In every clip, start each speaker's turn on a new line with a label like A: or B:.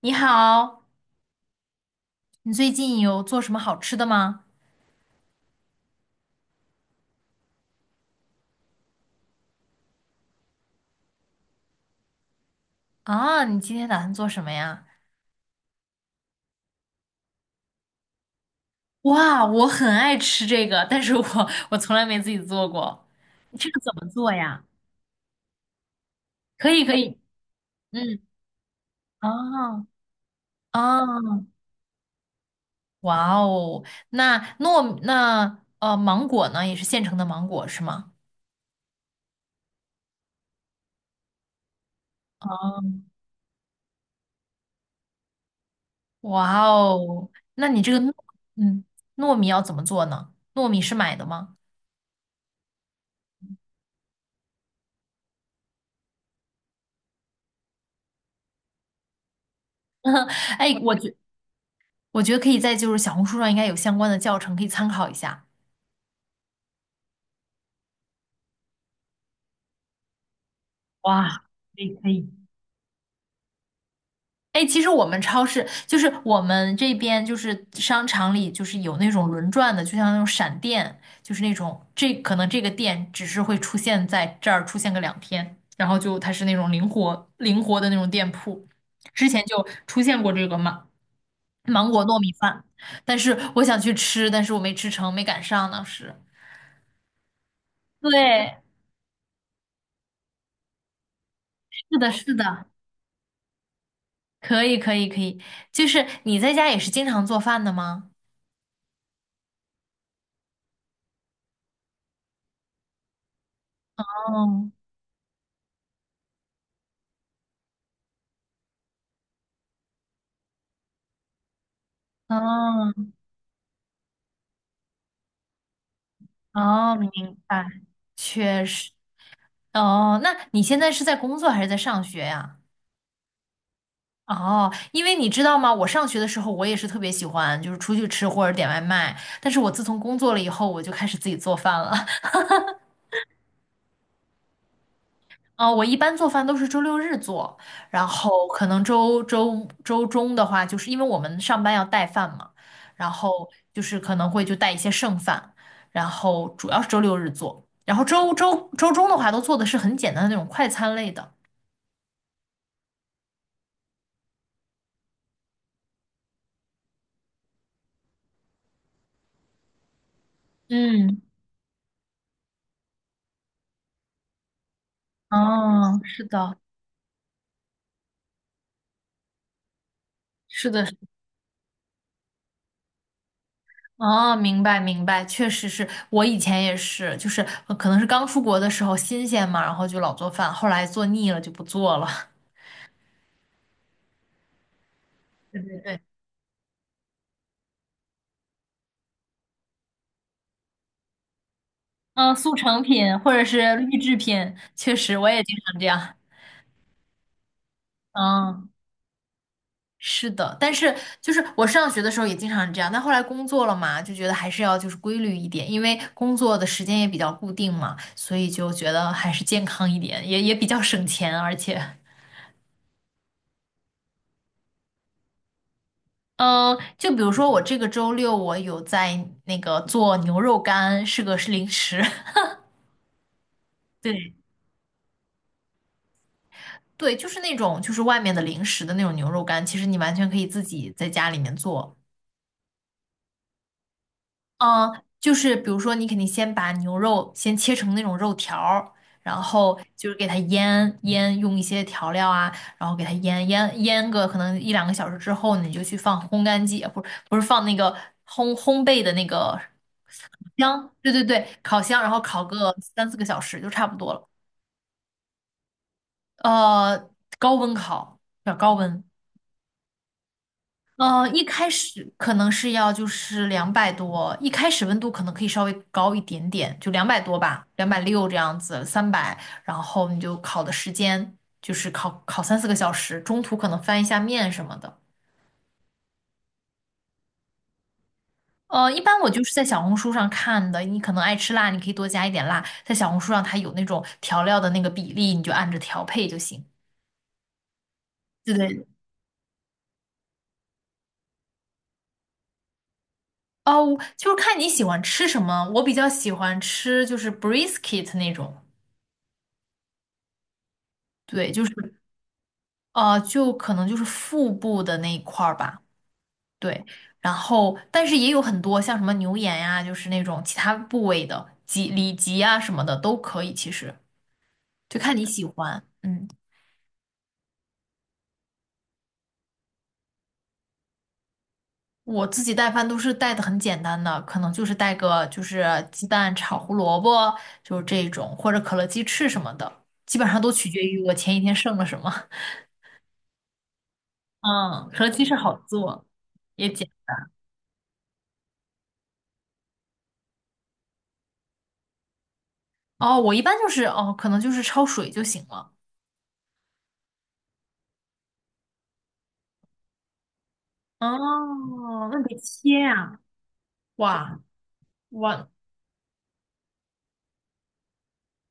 A: 你好，你最近有做什么好吃的吗？啊，你今天打算做什么呀？哇，我很爱吃这个，但是我从来没自己做过。这个怎么做呀？可以，可以。嗯，啊啊，哇哦，那芒果呢，也是现成的芒果是吗？啊，哇哦，那你这个嗯糯米要怎么做呢？糯米是买的吗？哎，我觉得可以在就是小红书上应该有相关的教程可以参考一下。哇，可以可以。哎，其实我们超市就是我们这边就是商场里就是有那种轮转的，就像那种闪电，就是那种这可能这个店只是会出现在这儿出现个两天，然后就它是那种灵活灵活的那种店铺。之前就出现过这个芒果糯米饭，但是我想去吃，但是我没吃成，没赶上当时。对，是的，是的，可以可以可以。就是你在家也是经常做饭的吗？哦。哦，哦，明白，确实。哦，那你现在是在工作还是在上学呀？哦，因为你知道吗，我上学的时候我也是特别喜欢，就是出去吃或者点外卖。但是我自从工作了以后，我就开始自己做饭了。哦，我一般做饭都是周六日做，然后可能周中的话，就是因为我们上班要带饭嘛，然后就是可能会就带一些剩饭，然后主要是周六日做，然后周中的话都做的是很简单的那种快餐类的。嗯，哦，是的，是的，是的。哦，明白明白，确实是我以前也是，就是可能是刚出国的时候新鲜嘛，然后就老做饭，后来做腻了就不做了。对对对。嗯，速成品或者是预制品，确实我也经常这样。嗯，是的，但是就是我上学的时候也经常这样，但后来工作了嘛，就觉得还是要就是规律一点，因为工作的时间也比较固定嘛，所以就觉得还是健康一点，也比较省钱，而且。嗯，就比如说我这个周六我有在那个做牛肉干，是零食。对对，就是那种就是外面的零食的那种牛肉干，其实你完全可以自己在家里面做。嗯，就是比如说你肯定先把牛肉先切成那种肉条儿，然后就是给它腌腌，用一些调料啊，然后给它腌个可能一两个小时之后呢你就去放烘干机，不是不是放那个烘焙的那个。香，对对对，烤箱，然后烤个三四个小时就差不多了。呃，高温烤，要高温。一开始可能是要就是两百多，一开始温度可能可以稍微高一点点，就两百多吧，260这样子，300，然后你就烤的时间就是烤三四个小时，中途可能翻一下面什么的。一般我就是在小红书上看的，你可能爱吃辣，你可以多加一点辣，在小红书上它有那种调料的那个比例，你就按着调配就行。对对。哦，就是看你喜欢吃什么。我比较喜欢吃就是 brisket 那种，对，就是。就可能就是腹部的那一块儿吧，对。然后，但是也有很多像什么牛眼呀、就是那种其他部位的脊里脊啊什么的都可以，其实就看你喜欢。嗯，我自己带饭都是带的很简单的，可能就是带个就是鸡蛋炒胡萝卜，就是这种，或者可乐鸡翅什么的，基本上都取决于我前一天剩了什么。嗯，可乐鸡翅好做，也简单。哦，我一般就是哦，可能就是焯水就行了。哦，那得切呀、哇哇。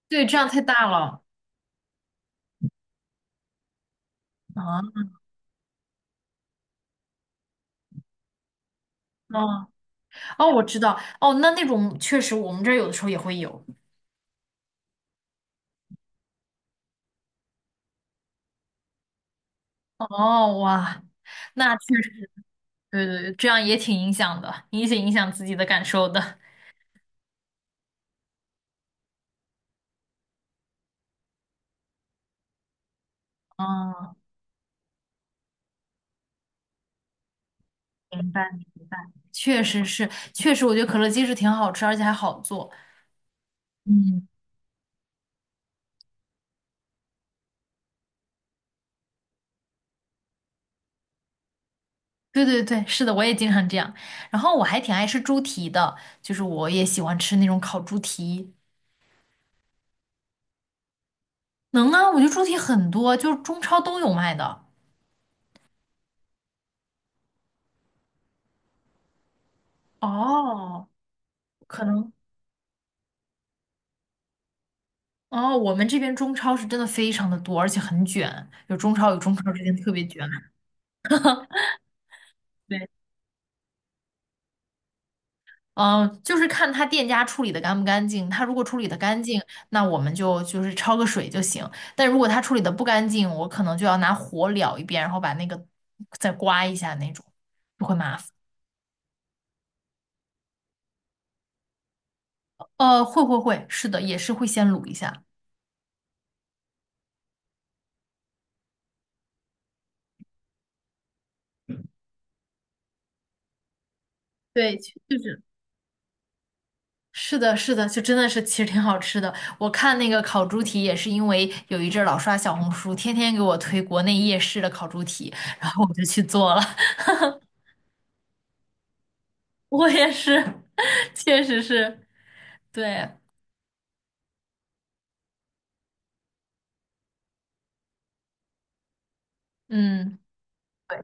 A: 对，这样太大了啊！哦哦，我知道哦，那种确实我们这儿有的时候也会有。哦哇，那确实。对对对，这样也挺影响的，也挺影响自己的感受的。嗯，明白明白，确实是，确实，我觉得可乐鸡翅挺好吃，而且还好做。嗯。对对对，是的，我也经常这样。然后我还挺爱吃猪蹄的，就是我也喜欢吃那种烤猪蹄。能啊，我觉得猪蹄很多，就是中超都有卖的。哦，可能。哦，我们这边中超是真的非常的多，而且很卷，有中超，中超之间特别卷。对。嗯，就是看他店家处理的干不干净。他如果处理的干净，那我们就是焯个水就行。但如果他处理的不干净，我可能就要拿火燎一遍，然后把那个再刮一下那种，就会麻烦。会会会，是的，也是会先卤一下。对，就是。是的，是的，就真的是其实挺好吃的。我看那个烤猪蹄也是因为有一阵儿老刷小红书，天天给我推国内夜市的烤猪蹄，然后我就去做了。我也是。确实是，对，嗯，对，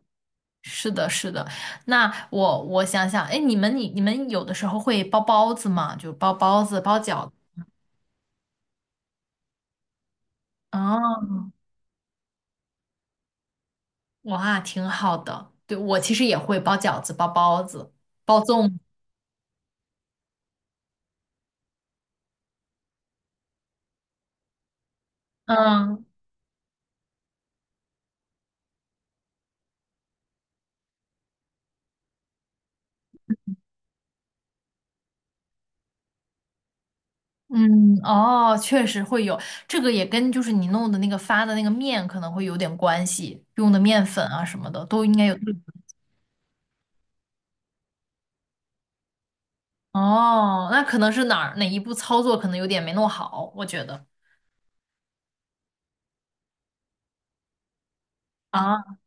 A: 是的，是的。那我想想，哎，你们有的时候会包包子吗？就包包子、包饺子。哦，哇，挺好的。对，我其实也会包饺子、包包子、包粽子。嗯嗯，哦，确实会有，这个也跟就是你弄的那个发的那个面可能会有点关系，用的面粉啊什么的都应该有。哦，那可能是哪一步操作可能有点没弄好，我觉得。啊，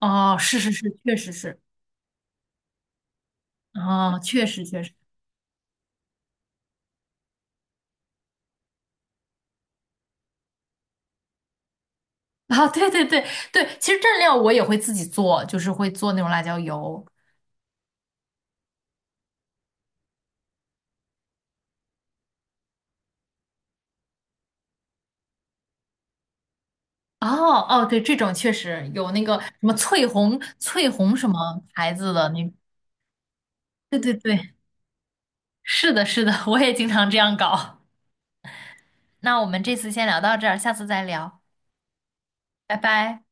A: 哦，是是是，确实是，哦，确实确实，啊，对对对对，其实蘸料我也会自己做，就是会做那种辣椒油。哦哦，对，这种确实有那个什么翠红什么牌子的那，对对对，是的，是的，我也经常这样搞。那我们这次先聊到这儿，下次再聊，拜拜。